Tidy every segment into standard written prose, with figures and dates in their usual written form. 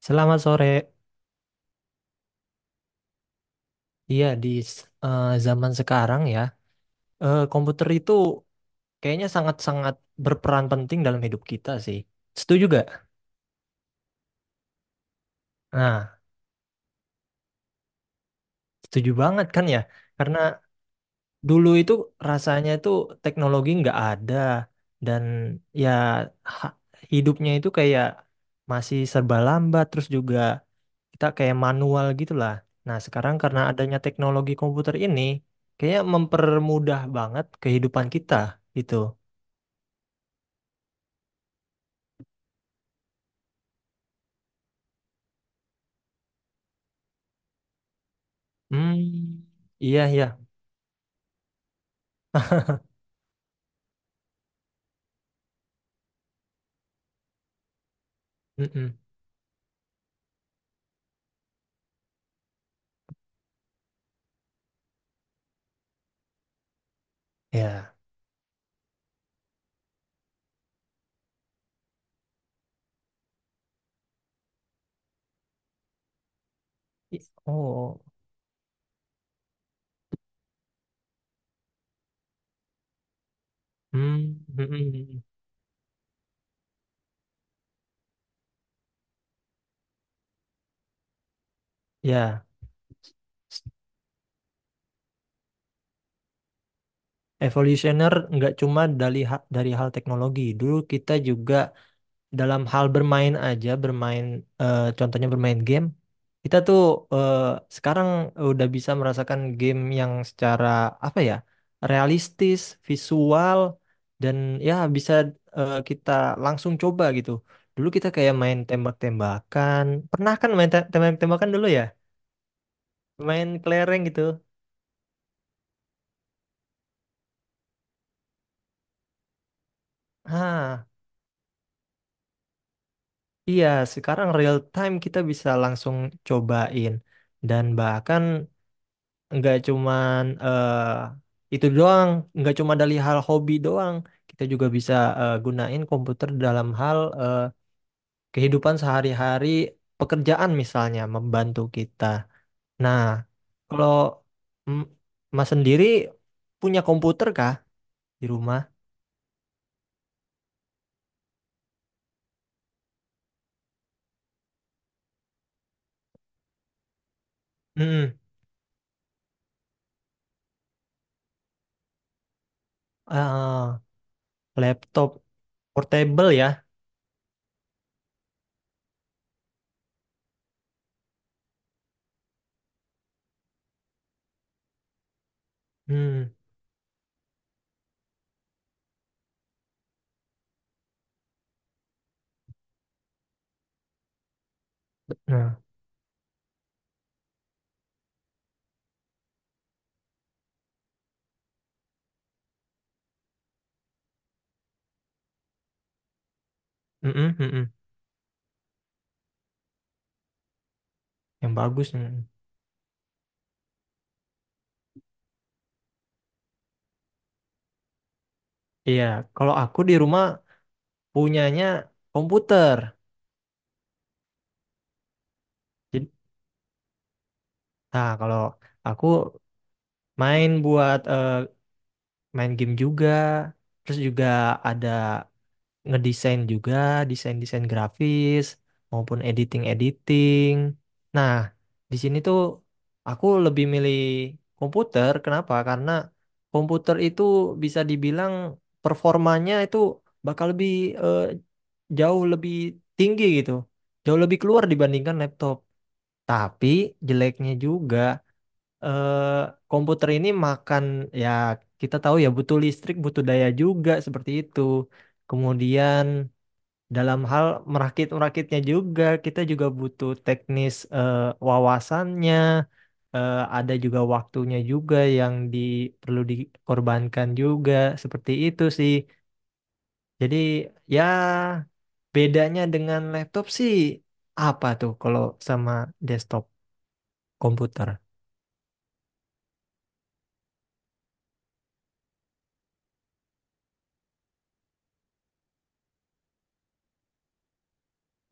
Selamat sore. Iya, zaman sekarang ya, komputer itu kayaknya sangat-sangat berperan penting dalam hidup kita sih. Setuju gak? Nah, setuju banget kan ya? Karena dulu itu rasanya itu teknologi nggak ada dan ya ha- hidupnya itu kayak masih serba lambat terus juga kita kayak manual gitu lah. Nah, sekarang karena adanya teknologi komputer ini, kayaknya mempermudah banget kehidupan kita gitu. Hmm, iya iya. Mm-mm. Ya. I- Oh. Hmm, mm-mm. Ya. Evolutioner nggak cuma dari dari hal teknologi. Dulu kita juga dalam hal bermain aja, bermain contohnya bermain game, kita tuh eh, sekarang udah bisa merasakan game yang secara apa ya, realistis, visual dan ya bisa kita langsung coba gitu. Dulu kita kayak main tembak-tembakan, pernah kan main tembak-tembakan dulu ya, main kelereng gitu. Ah, iya, sekarang real time kita bisa langsung cobain dan bahkan nggak cuman eh itu doang, nggak cuma dari hal hobi doang. Kita juga bisa gunain komputer dalam hal kehidupan sehari-hari, pekerjaan misalnya membantu kita. Nah, kalau mm, Mas sendiri punya komputer kah di rumah? Hmm, ah, laptop portable ya. Hmm, nah, mm-mm, mm-mm, yang bagus. Mm. Iya, kalau aku di rumah punyanya komputer. Jadi nah, kalau aku main buat main game juga, terus juga ada ngedesain juga, desain-desain grafis maupun editing-editing. Nah, di sini tuh aku lebih milih komputer. Kenapa? Karena komputer itu bisa dibilang performanya itu bakal lebih eh, jauh lebih tinggi gitu, jauh lebih keluar dibandingkan laptop. Tapi jeleknya juga eh, komputer ini makan ya kita tahu ya butuh listrik, butuh daya juga seperti itu. Kemudian dalam hal merakit-merakitnya juga kita juga butuh teknis wawasannya, ada juga waktunya juga yang di, perlu dikorbankan juga seperti itu sih. Jadi ya bedanya dengan laptop sih apa tuh kalau sama desktop komputer?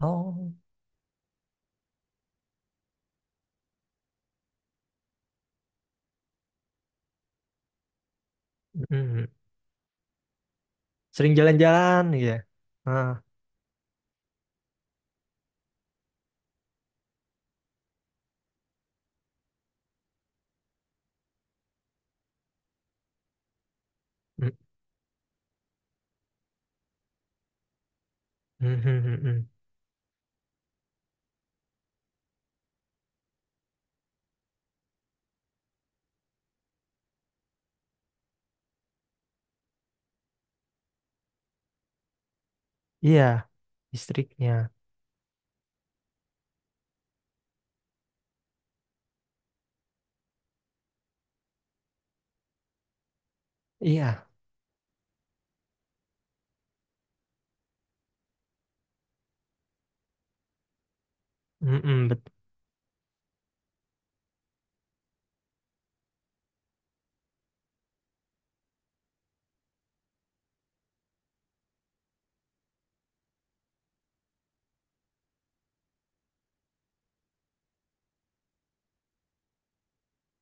Oh. Sering jalan-jalan gitu ya. Ah, mm, mm, mm, mm, mm. Iya, listriknya. Iya. Mm, mm, bet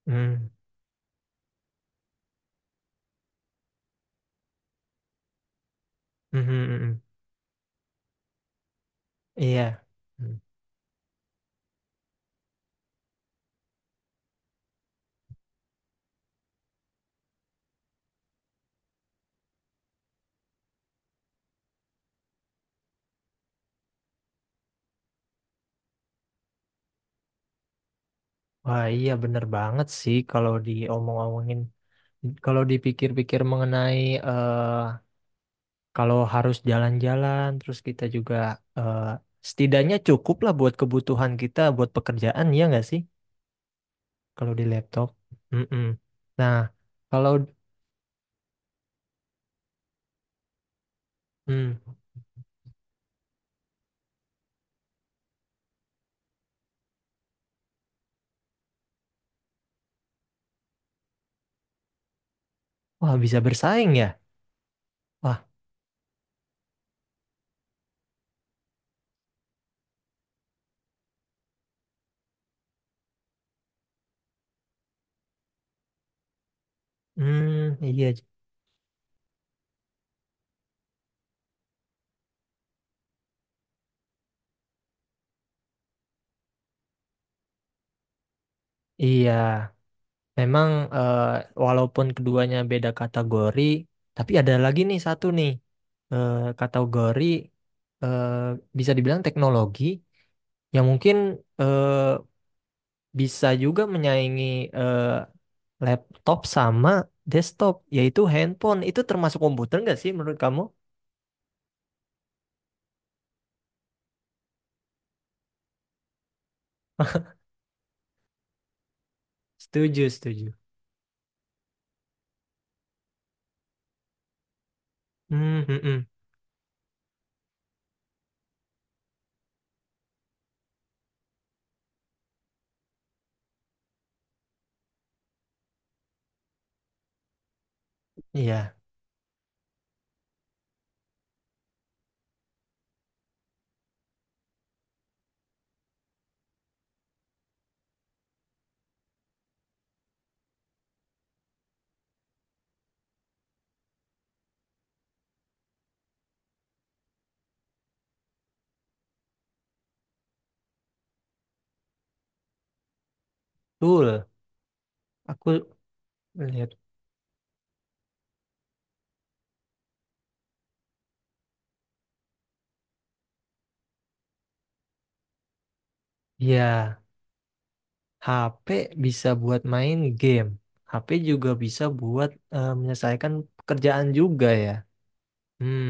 mm, mm, mm, mm, mm. Iya. Mm. Wah, iya bener banget sih kalau diomong-omongin. Kalau dipikir-pikir mengenai eh kalau harus jalan-jalan, terus kita juga eh setidaknya cukup lah buat kebutuhan kita, buat pekerjaan, ya nggak sih? Kalau di laptop. Mm, mm. Nah, kalau... mm. Wah, bisa bersaing ya? Wah, hmm, iya, J- iya. Memang eh, walaupun keduanya beda kategori, tapi ada lagi nih satu nih eh, kategori eh, bisa dibilang teknologi yang mungkin eh, bisa juga menyaingi eh, laptop sama desktop, yaitu handphone. Itu termasuk komputer nggak sih menurut kamu? Setuju, setuju. Hmm, hmm, hmm. Iya, betul. Aku lihat. Iya. HP bisa buat main game. HP juga bisa buat menyelesaikan pekerjaan juga ya. Hmm,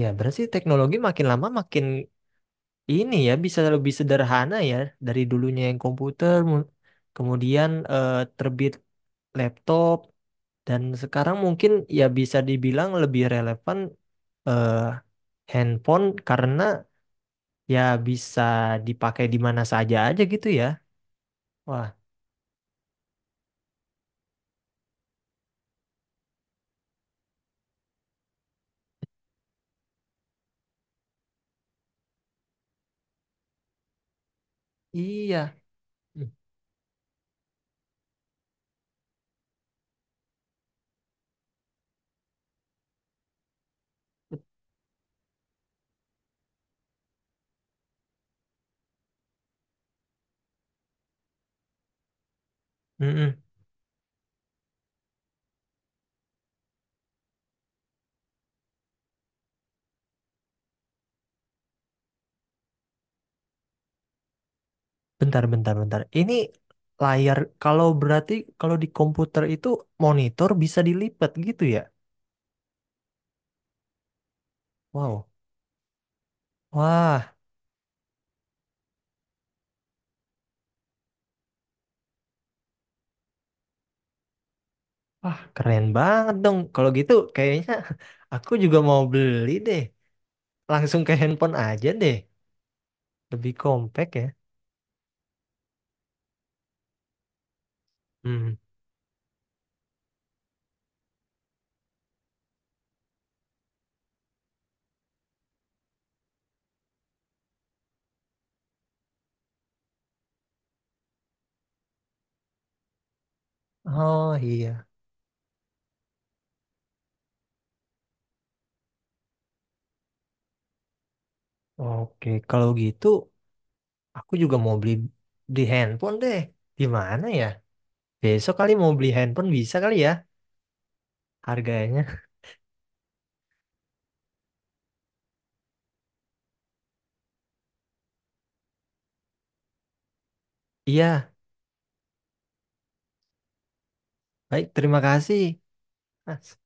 ya berarti teknologi makin lama makin ini ya bisa lebih sederhana ya dari dulunya yang komputer, kemudian terbit laptop dan sekarang mungkin ya bisa dibilang lebih relevan eh, handphone karena ya bisa dipakai di mana saja aja gitu ya. Wah, iya. Mm-mm. Bentar, bentar, bentar. Ini layar, kalau berarti kalau di komputer itu monitor bisa dilipat gitu ya? Wow, wah, wah keren banget dong. Kalau gitu kayaknya aku juga mau beli deh. Langsung ke handphone aja deh. Lebih kompak ya. Hmm. Oh iya. Oke, kalau gitu aku juga mau beli di handphone deh. Di mana ya? Besok kali mau beli handphone bisa kali ya harganya. Iya, baik terima kasih. Mas. Ya.